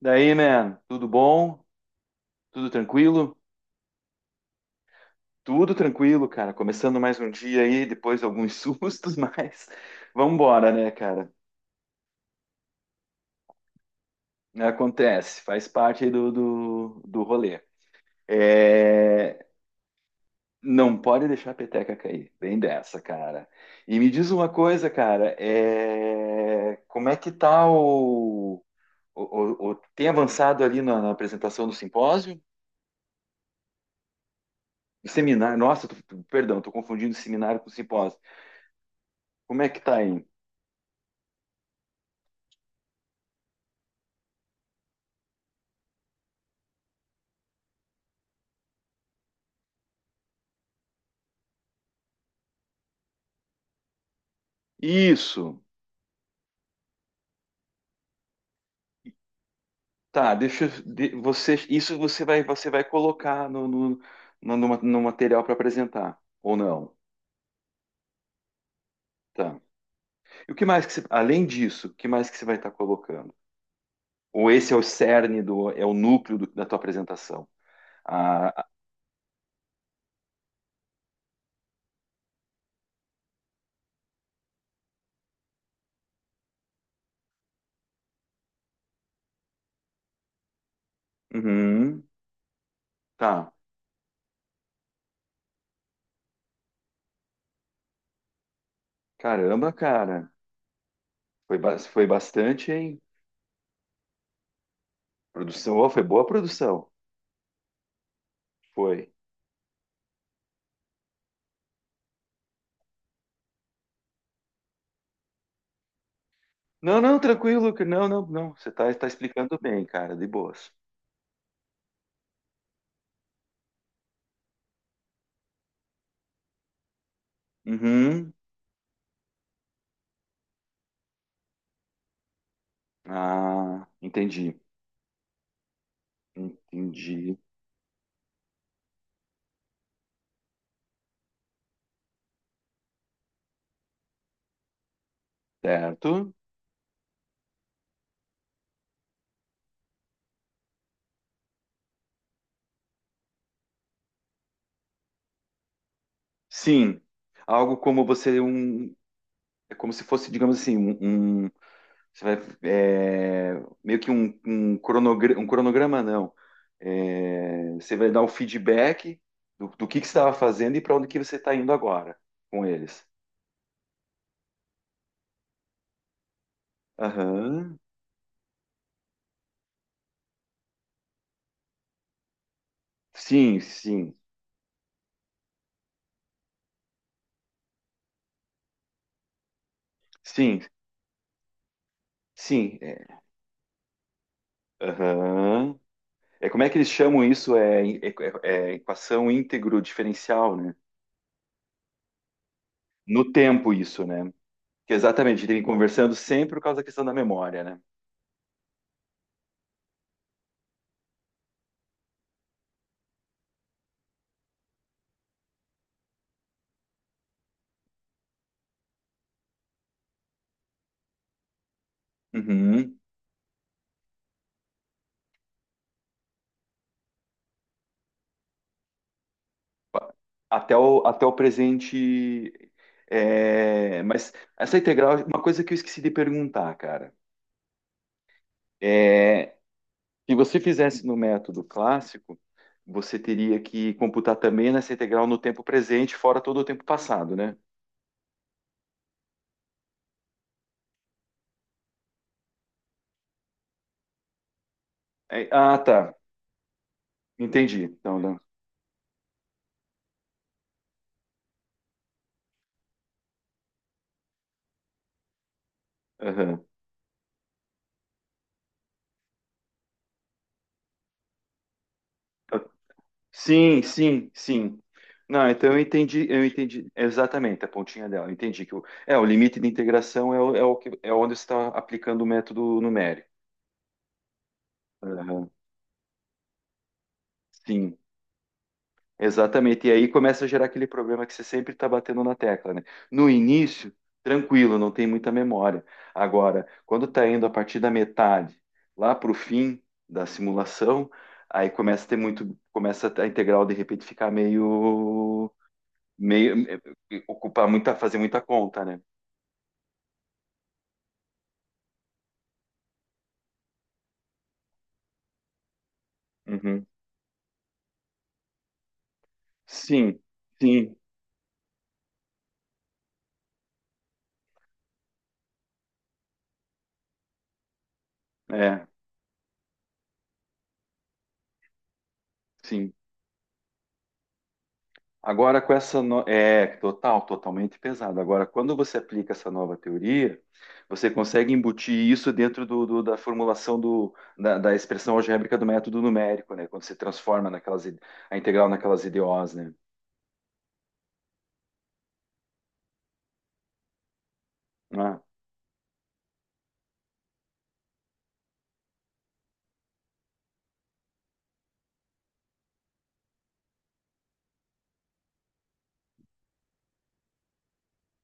Daí, man, tudo bom? Tudo tranquilo? Tudo tranquilo, cara. Começando mais um dia aí, depois alguns sustos, mas vamos embora, né, cara? Acontece, faz parte aí do rolê. É. Não pode deixar a peteca cair, bem dessa, cara. E me diz uma coisa, cara, como é que tá tem avançado ali na apresentação do simpósio? Seminário, nossa, perdão, tô confundindo seminário com simpósio. Como é que tá aí? Isso. Tá, você, isso você vai colocar no material para apresentar, ou não. Tá. E o que mais que você, além disso, o que mais que você vai estar colocando? Ou esse é o cerne do, é o núcleo da tua apresentação? Ah, ah, uhum, tá, caramba, cara, foi bastante, hein? Produção, ó, foi boa a produção, foi. Não, não, tranquilo, não, não, não, você tá explicando bem, cara, de boas. Uhum, ah, entendi. Entendi. Certo? Sim. Algo como você um, é como se fosse, digamos assim, você vai é, meio que um cronograma, um cronograma não. É, você vai dar o feedback do que você estava fazendo e para onde que você está indo agora com eles. Aham. Sim, sim, sim, sim. É. Aham. É, como é que eles chamam isso? É equação íntegro diferencial, né? No tempo isso, né? Que exatamente, a gente vem conversando sempre por causa da questão da memória, né? Uhum. Pa- até o presente. É, mas essa integral, é uma coisa que eu esqueci de perguntar, cara. É, se você fizesse no método clássico, você teria que computar também nessa integral no tempo presente, fora todo o tempo passado, né? É, ah, tá. Entendi. Então, não. Aham. Sim, sim, sim. Não, então eu entendi, exatamente a pontinha dela. Eu entendi que o limite de integração é, o, é, o que, é onde você está aplicando o método numérico. Aham, sim, exatamente. E aí começa a gerar aquele problema que você sempre está batendo na tecla, né? No início, tranquilo, não tem muita memória. Agora, quando está indo a partir da metade, lá para o fim da simulação, aí começa a ter muito, começa a integral de repente ficar meio, ocupar muita, fazer muita conta, né? Uhum. Sim, sim, é, sim. Agora com essa é totalmente pesado. Agora, quando você aplica essa nova teoria, você consegue embutir isso dentro do, da formulação do, da expressão algébrica do método numérico, né? Quando você transforma a integral naquelas IDOs, né? Ah,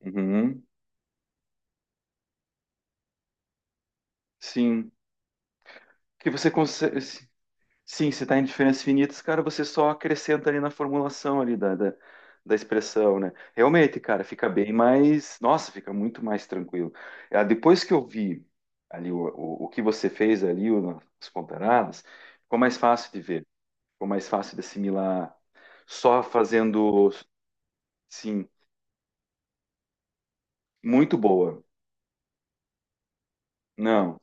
uhum, sim, que você consegue. Sim, se está em diferenças finitas, cara, você só acrescenta ali na formulação ali da expressão, né? Realmente, cara, fica bem mais. Nossa, fica muito mais tranquilo. Ah, depois que eu vi ali o que você fez ali, as comparadas, ficou mais fácil de ver, ficou mais fácil de assimilar. Só fazendo, sim, muito boa. Não,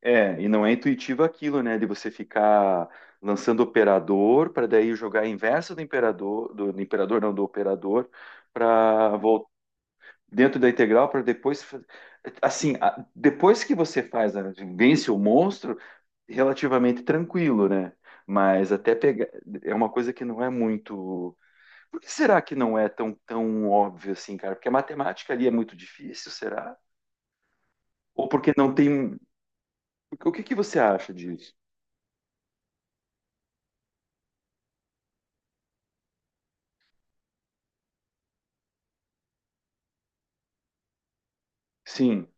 é, e não é intuitivo aquilo, né? De você ficar lançando operador para daí jogar a inversa do imperador, do imperador não, do operador, para voltar dentro da integral para depois, assim, depois que você faz, vence o monstro, relativamente tranquilo, né? Mas até pegar é uma coisa que não é muito. Por que será que não é tão óbvio assim, cara? Porque a matemática ali é muito difícil, será? Ou porque não tem? O que que você acha disso? Sim.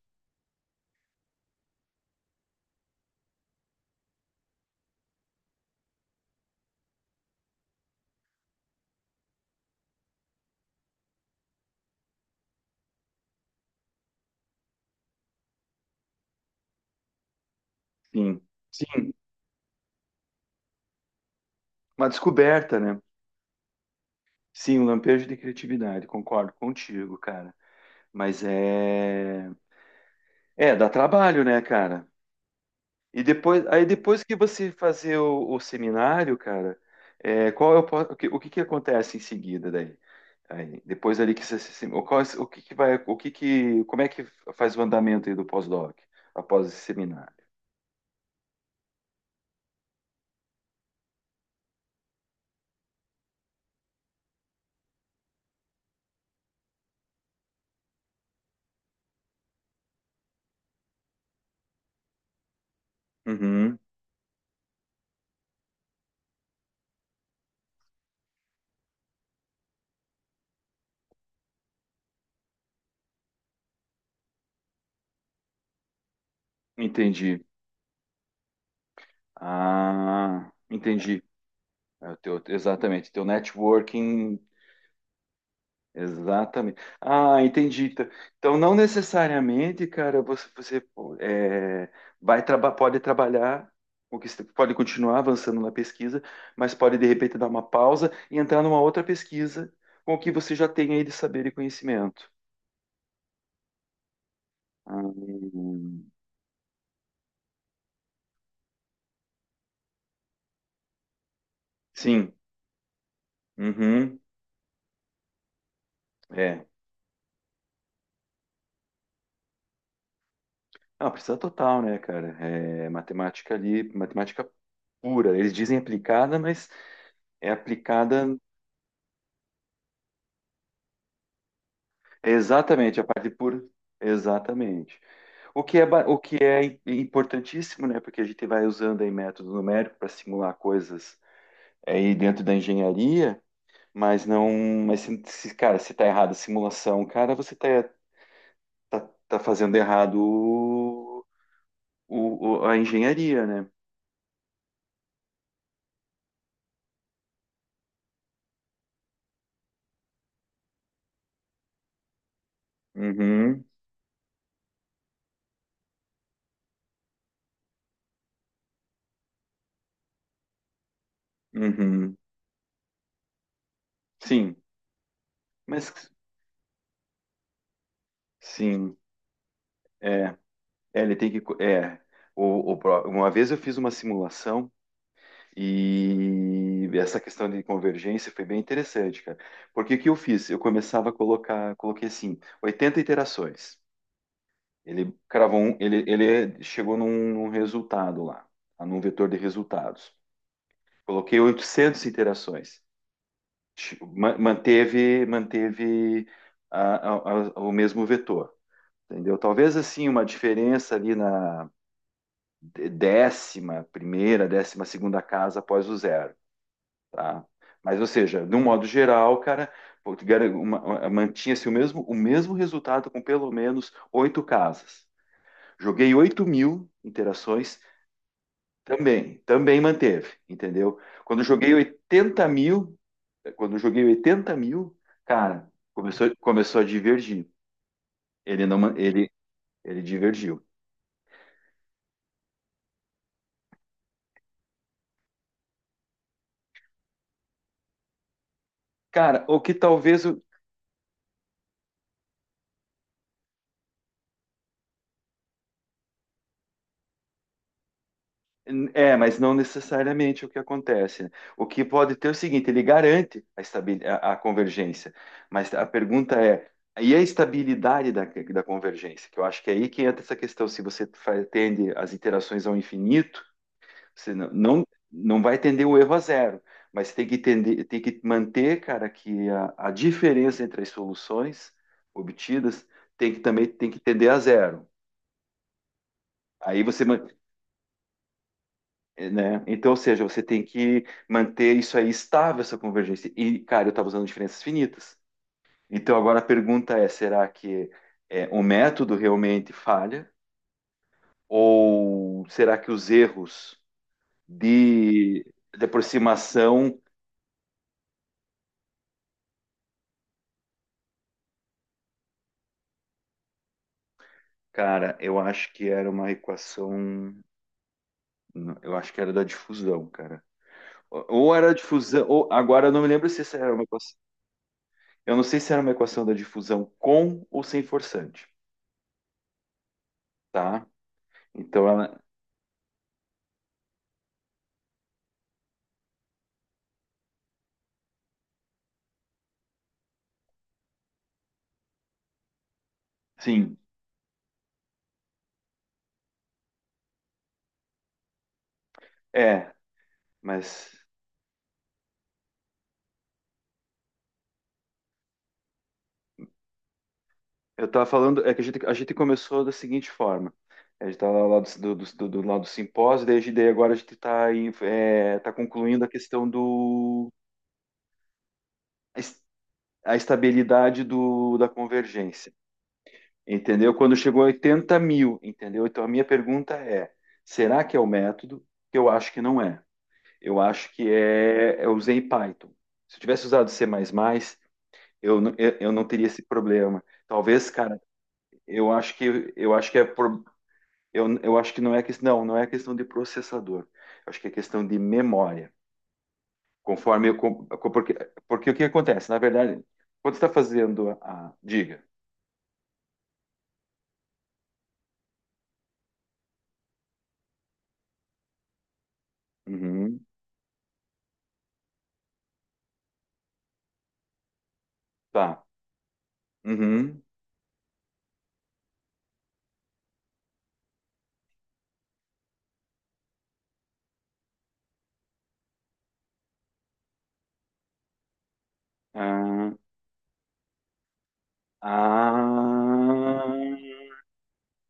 Sim, sim, uma descoberta, né? Sim, um lampejo de criatividade, concordo contigo, cara. Mas é, dá trabalho, né, cara? E depois, aí depois que você fazer o seminário, cara, é, qual é o que que acontece em seguida daí? Aí, depois ali que você, se- o, qual, o que que vai, o que que, como é que faz o andamento aí do pós-doc após esse seminário? Uhum, entendi. Ah, entendi. É o teu, exatamente, teu networking. Exatamente. Ah, entendi. Então, não necessariamente, cara, você, é, vai traba pode trabalhar, o que você pode continuar avançando na pesquisa, mas pode de repente dar uma pausa e entrar numa outra pesquisa com o que você já tem aí de saber e conhecimento. Ah, sim. Uhum. É. Não, precisa total, né, cara? É matemática ali, matemática pura. Eles dizem aplicada, mas é aplicada. Exatamente, a parte pura. Exatamente. O que é, ba- o que é im- importantíssimo, né? Porque a gente vai usando aí método numérico para simular coisas aí dentro da engenharia, mas não, mas se, cara, se tá errado a simulação, cara, você tá, tá fazendo errado o, a engenharia, né? Uhum, uhum. Sim, mas sim, é, é, ele tem que, é, uma vez eu fiz uma simulação. E essa questão de convergência foi bem interessante, cara. Porque o que eu fiz? Eu começava a colocar, coloquei assim, 80 iterações. Ele cravou um, ele chegou num, resultado lá. Tá? Num vetor de resultados. Coloquei 800 iterações. Manteve a- a- o mesmo vetor, entendeu? Talvez assim uma diferença ali na 11ª, 12ª casa após o zero. Tá? Mas, ou seja, de um modo geral, cara, pô, mantinha-se o mesmo resultado com pelo menos oito casas. Joguei 8.000 interações, também manteve, entendeu? Quando eu joguei oitenta mil, quando eu joguei 80.000, cara, começou a divergir. Ele não, ele divergiu. Cara, o que talvez é, mas não necessariamente o que acontece. O que pode ter é o seguinte, ele garante a convergência, mas a pergunta é, e a estabilidade da convergência? Que eu acho que é aí que entra essa questão, se você tende as iterações ao infinito, você não, não, não vai tender o erro a zero, mas tem que tender, tem que manter, cara, que a diferença entre as soluções obtidas tem que também tem que tender a zero. Aí você man- É, né? Então, ou seja, você tem que manter isso aí estável, essa convergência. E, cara, eu estava usando diferenças finitas. Então, agora a pergunta é: será que o método realmente falha? Ou será que os erros de, de aproximação, cara, eu acho que era uma equação, eu acho que era da difusão, cara. Ou era a difusão, ou agora eu não me lembro se essa era uma equação, eu não sei se era uma equação da difusão com ou sem forçante, tá? Então, ela, sim, é, mas eu tava falando, é que a gente, começou da seguinte forma. A gente tava lá do lado do simpósio, daí, daí agora a gente está tá concluindo a questão do a es- a estabilidade da convergência, entendeu? Quando chegou a 80.000, entendeu? Então a minha pergunta é, será que é o método? Eu acho que não é. Eu acho que é, eu usei Python. Se eu tivesse usado C++, eu não teria esse problema. Talvez, cara, eu acho que eu acho que não é questão não, não é questão de processador. Eu acho que é questão de memória. Conforme eu, porque o que acontece? Na verdade, quando você está fazendo diga. Uhum, tá. Uhum, ah, ah,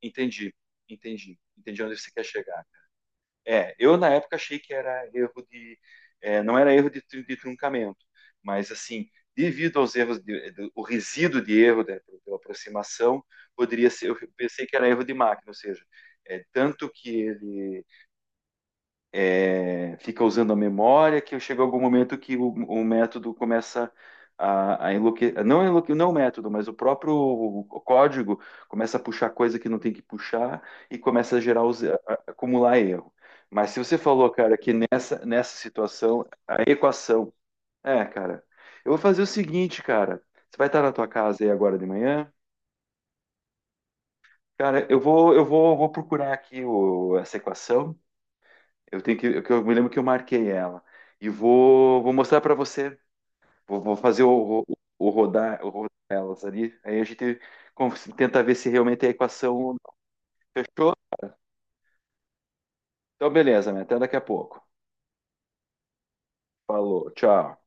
entendi, entendi onde você quer chegar. É, eu na época achei que era erro de. É, não era erro de truncamento, mas assim, devido aos erros, o resíduo de erro da, pela aproximação, poderia ser. Eu pensei que era erro de máquina, ou seja, é, tanto que ele é, fica usando a memória, que chega algum momento que o método começa a enlouquecer, não, enlouque, não o método, mas o próprio o código começa a puxar coisa que não tem que puxar e começa a gerar, acumular erro. Mas se você falou, cara, que nessa situação, a equação, é, cara, eu vou fazer o seguinte, cara, você vai estar na tua casa aí agora de manhã? Cara, vou procurar aqui essa equação. Eu tenho que, eu me lembro que eu marquei ela. E vou mostrar para você. Vou fazer o, o rodar elas ali. Aí a gente con- tenta ver se realmente é a equação. Fechou? Então, beleza, né? Até daqui a pouco. Falou, tchau.